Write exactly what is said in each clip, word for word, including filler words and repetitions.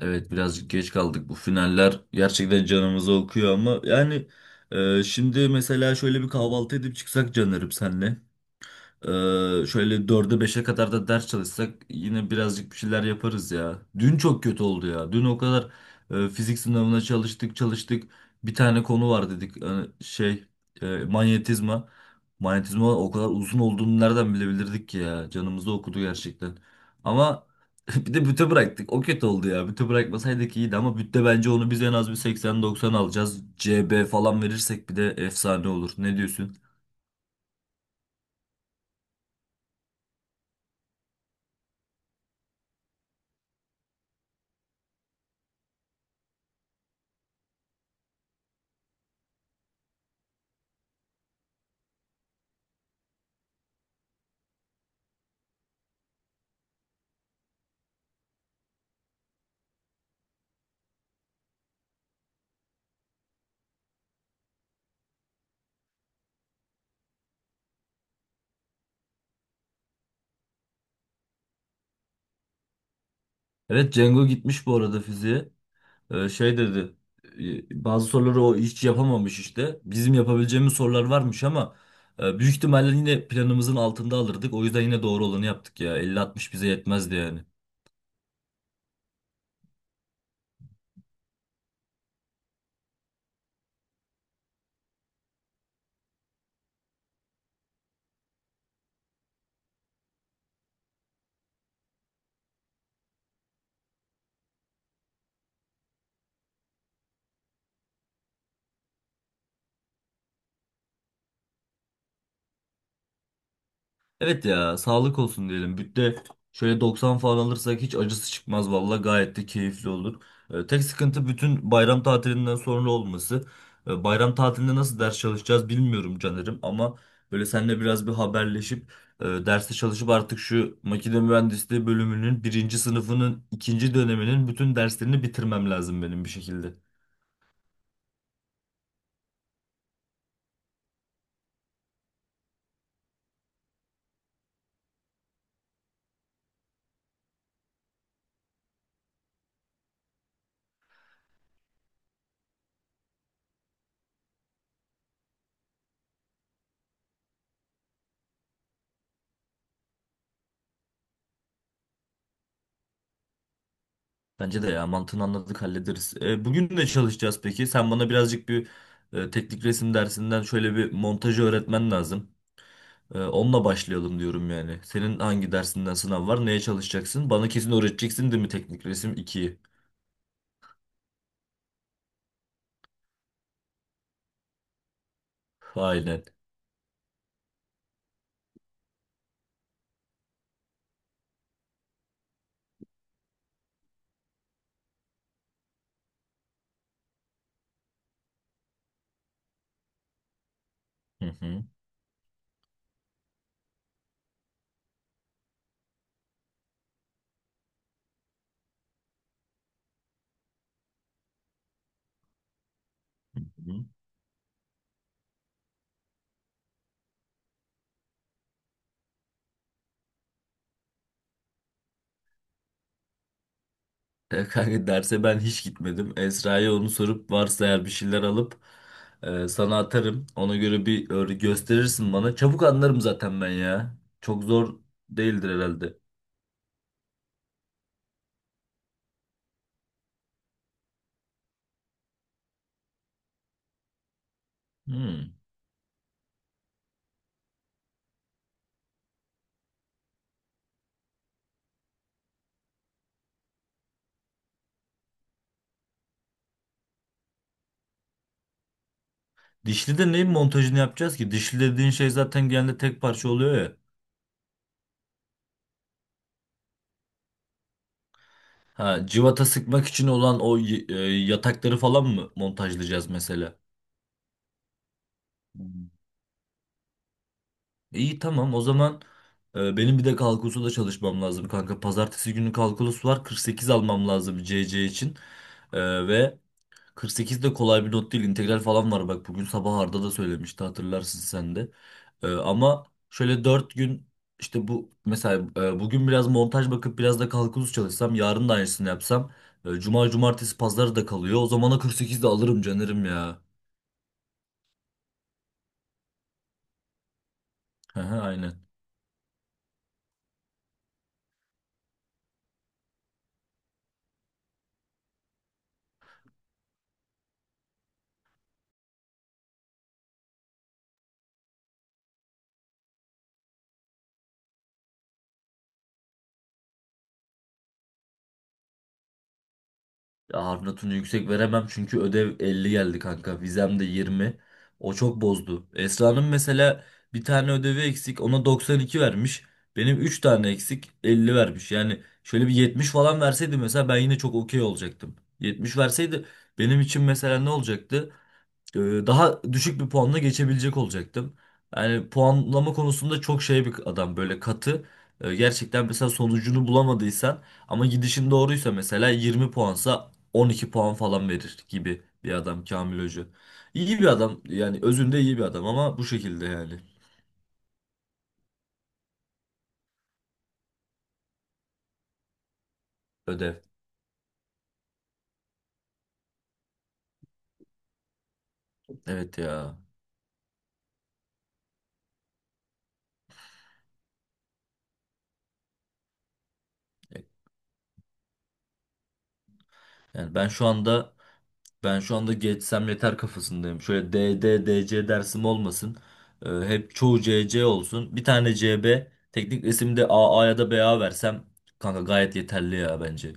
Evet, birazcık geç kaldık. Bu finaller gerçekten canımızı okuyor ama yani, e, şimdi mesela şöyle bir kahvaltı edip çıksak canlarım senle. Ee, şöyle dörde beşe kadar da ders çalışsak yine birazcık bir şeyler yaparız ya. Dün çok kötü oldu ya. Dün o kadar e, fizik sınavına çalıştık çalıştık. Bir tane konu var dedik. Hani şey, e, manyetizma. Manyetizma o kadar uzun olduğunu nereden bilebilirdik ki ya. Canımızı okudu gerçekten. Ama bir de büte bıraktık. O kötü oldu ya. Büte bırakmasaydık iyiydi ama bütte bence onu biz en az bir seksene doksana alacağız. C B falan verirsek bir de efsane olur. Ne diyorsun? Evet, Cengo gitmiş bu arada fiziğe. Ee, şey dedi. e, Bazı soruları o hiç yapamamış işte. Bizim yapabileceğimiz sorular varmış ama e, büyük ihtimalle yine planımızın altında alırdık. O yüzden yine doğru olanı yaptık ya. elli altmış bize yetmezdi yani. Evet ya, sağlık olsun diyelim. Bütte şöyle doksan falan alırsak hiç acısı çıkmaz valla, gayet de keyifli olur. Ee, tek sıkıntı bütün bayram tatilinden sonra olması. Ee, bayram tatilinde nasıl ders çalışacağız bilmiyorum Caner'im, ama böyle seninle biraz bir haberleşip e, derste çalışıp artık şu makine mühendisliği bölümünün birinci sınıfının ikinci döneminin bütün derslerini bitirmem lazım benim bir şekilde. Bence de ya, mantığını anladık hallederiz. E, bugün ne çalışacağız peki? Sen bana birazcık bir e, teknik resim dersinden şöyle bir montajı öğretmen lazım. E, onunla başlayalım diyorum yani. Senin hangi dersinden sınav var? Neye çalışacaksın? Bana kesin öğreteceksin değil mi teknik resim ikiyi? Aynen. Hı hı. Hı. E, kanka derse ben hiç gitmedim. Esra'ya onu sorup varsa eğer bir şeyler alıp e, sana atarım. Ona göre bir öyle gösterirsin bana. Çabuk anlarım zaten ben ya. Çok zor değildir herhalde. Hı. Dişli de neyin montajını yapacağız ki? Dişli dediğin şey zaten genelde tek parça oluyor ya. Ha, civata sıkmak için olan o y- e, yatakları falan mı montajlayacağız mesela? Hmm. İyi, tamam o zaman e, benim bir de kalkulusu da çalışmam lazım kanka. Pazartesi günü kalkulus var, kırk sekiz almam lazım C C için. E, ve kırk sekiz de kolay bir not değil. İntegral falan var bak. Bugün sabah Arda da söylemişti, hatırlarsın sen de. Ee, ama şöyle dört gün işte, bu mesela e, bugün biraz montaj bakıp biraz da kalkulus çalışsam, yarın da aynısını yapsam e, cuma cumartesi pazarı da kalıyor. O zamana kırk sekiz de alırım canırım ya. Hı hı, aynen. Ya, Harfnat'ını yüksek veremem çünkü ödev elli geldi kanka. Vizem de yirmi. O çok bozdu. Esra'nın mesela bir tane ödevi eksik. Ona doksan iki vermiş. Benim üç tane eksik elli vermiş. Yani şöyle bir yetmiş falan verseydi mesela ben yine çok okey olacaktım. yetmiş verseydi benim için mesela ne olacaktı? e, Daha düşük bir puanla geçebilecek olacaktım. Yani puanlama konusunda çok şey bir adam, böyle katı. E, gerçekten mesela sonucunu bulamadıysan ama gidişin doğruysa mesela yirmi puansa on iki puan falan verir gibi bir adam Kamil Hoca. İyi bir adam yani, özünde iyi bir adam ama bu şekilde yani. Ödev. Evet ya. Yani ben şu anda Ben şu anda geçsem yeter kafasındayım. Şöyle D, D, D, C dersim olmasın. Ee, hep çoğu C, C olsun. Bir tane C B, teknik resimde A A ya da B A versem kanka gayet yeterli ya bence.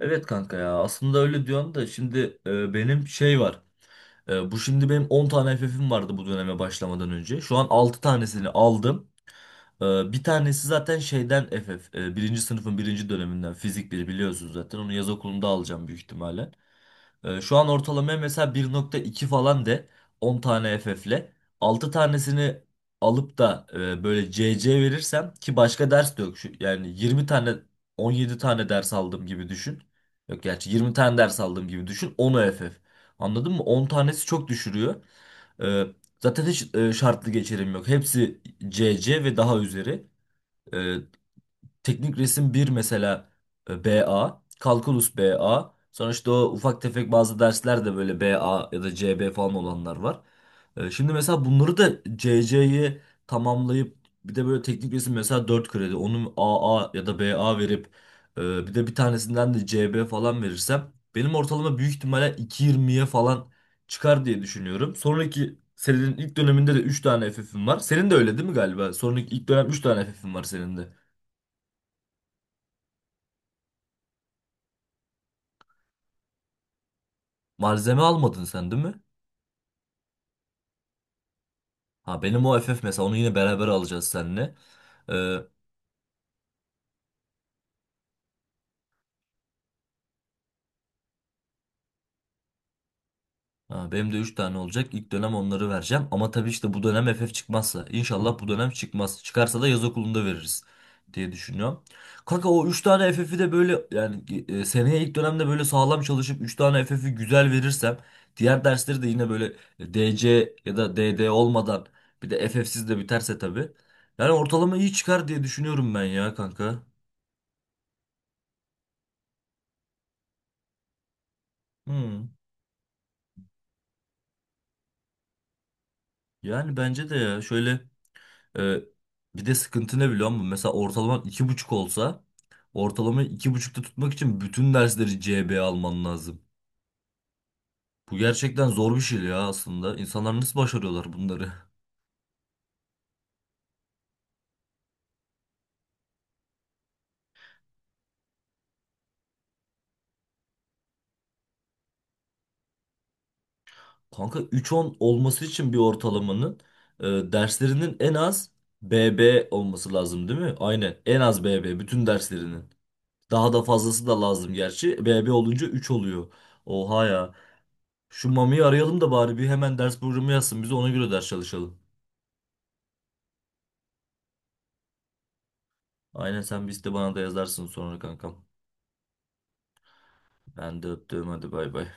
Evet kanka ya, aslında öyle diyorsun da şimdi e, benim şey var. E, bu şimdi benim on tane F F'im vardı bu döneme başlamadan önce. Şu an altı tanesini aldım. E, bir tanesi zaten şeyden F F. E, birinci sınıfın birinci döneminden fizik bir biliyorsunuz zaten. Onu yaz okulunda alacağım büyük ihtimalle. Ee, şu an ortalamaya mesela bir nokta iki falan de, on tane F F'le altı tanesini alıp da e, böyle C C verirsem ki başka ders de yok. Şu, yani yirmi tane on yedi tane ders aldığım gibi düşün. Yok gerçi yirmi tane ders aldığım gibi düşün, on F F. Anladın mı? on tanesi çok düşürüyor. Ee, Zaten hiç e, şartlı geçerim yok. Hepsi C C ve daha üzeri. Ee, Teknik resim bir mesela e, B A, kalkulus B A. Sonra işte o ufak tefek bazı dersler de böyle B A ya da C B falan olanlar var. E, şimdi mesela bunları da C C'yi tamamlayıp bir de böyle teknik resim mesela dört kredi onu A A ya da B A verip e, bir de bir tanesinden de C B falan verirsem benim ortalama büyük ihtimalle iki yirmiye falan çıkar diye düşünüyorum. Sonraki senenin ilk döneminde de üç tane F F'im var. Senin de öyle değil mi galiba? Sonraki ilk dönem üç tane F F'im var senin de. Malzeme almadın sen değil mi? Ha, benim o F F mesela onu yine beraber alacağız seninle. Ee, ha, benim de üç tane olacak. İlk dönem onları vereceğim. Ama tabii işte bu dönem F F çıkmazsa. İnşallah bu dönem çıkmaz. Çıkarsa da yaz okulunda veririz diye düşünüyorum. Kanka o üç tane F F'i de böyle yani e, seneye ilk dönemde böyle sağlam çalışıp üç tane F F'i güzel verirsem diğer dersleri de yine böyle D C ya da D D olmadan bir de F F'siz de biterse tabii. Yani ortalama iyi çıkar diye düşünüyorum ben ya kanka. Hmm. Yani bence de ya şöyle, e, bir de sıkıntı ne biliyor musun? Mesela ortalaman iki buçuk olsa ortalamayı iki buçukta tutmak için bütün dersleri C B alman lazım. Bu gerçekten zor bir şey ya aslında. İnsanlar nasıl başarıyorlar bunları? Kanka üç on olması için bir ortalamanın e, derslerinin en az B B olması lazım değil mi? Aynen en az B B bütün derslerinin. Daha da fazlası da lazım gerçi. B B olunca üç oluyor. Oha ya. Şu Mami'yi arayalım da bari bir hemen ders programı yazsın. Biz ona göre ders çalışalım. Aynen, sen bir iste bana da yazarsın sonra kankam. Ben de öptüm, hadi bay bay.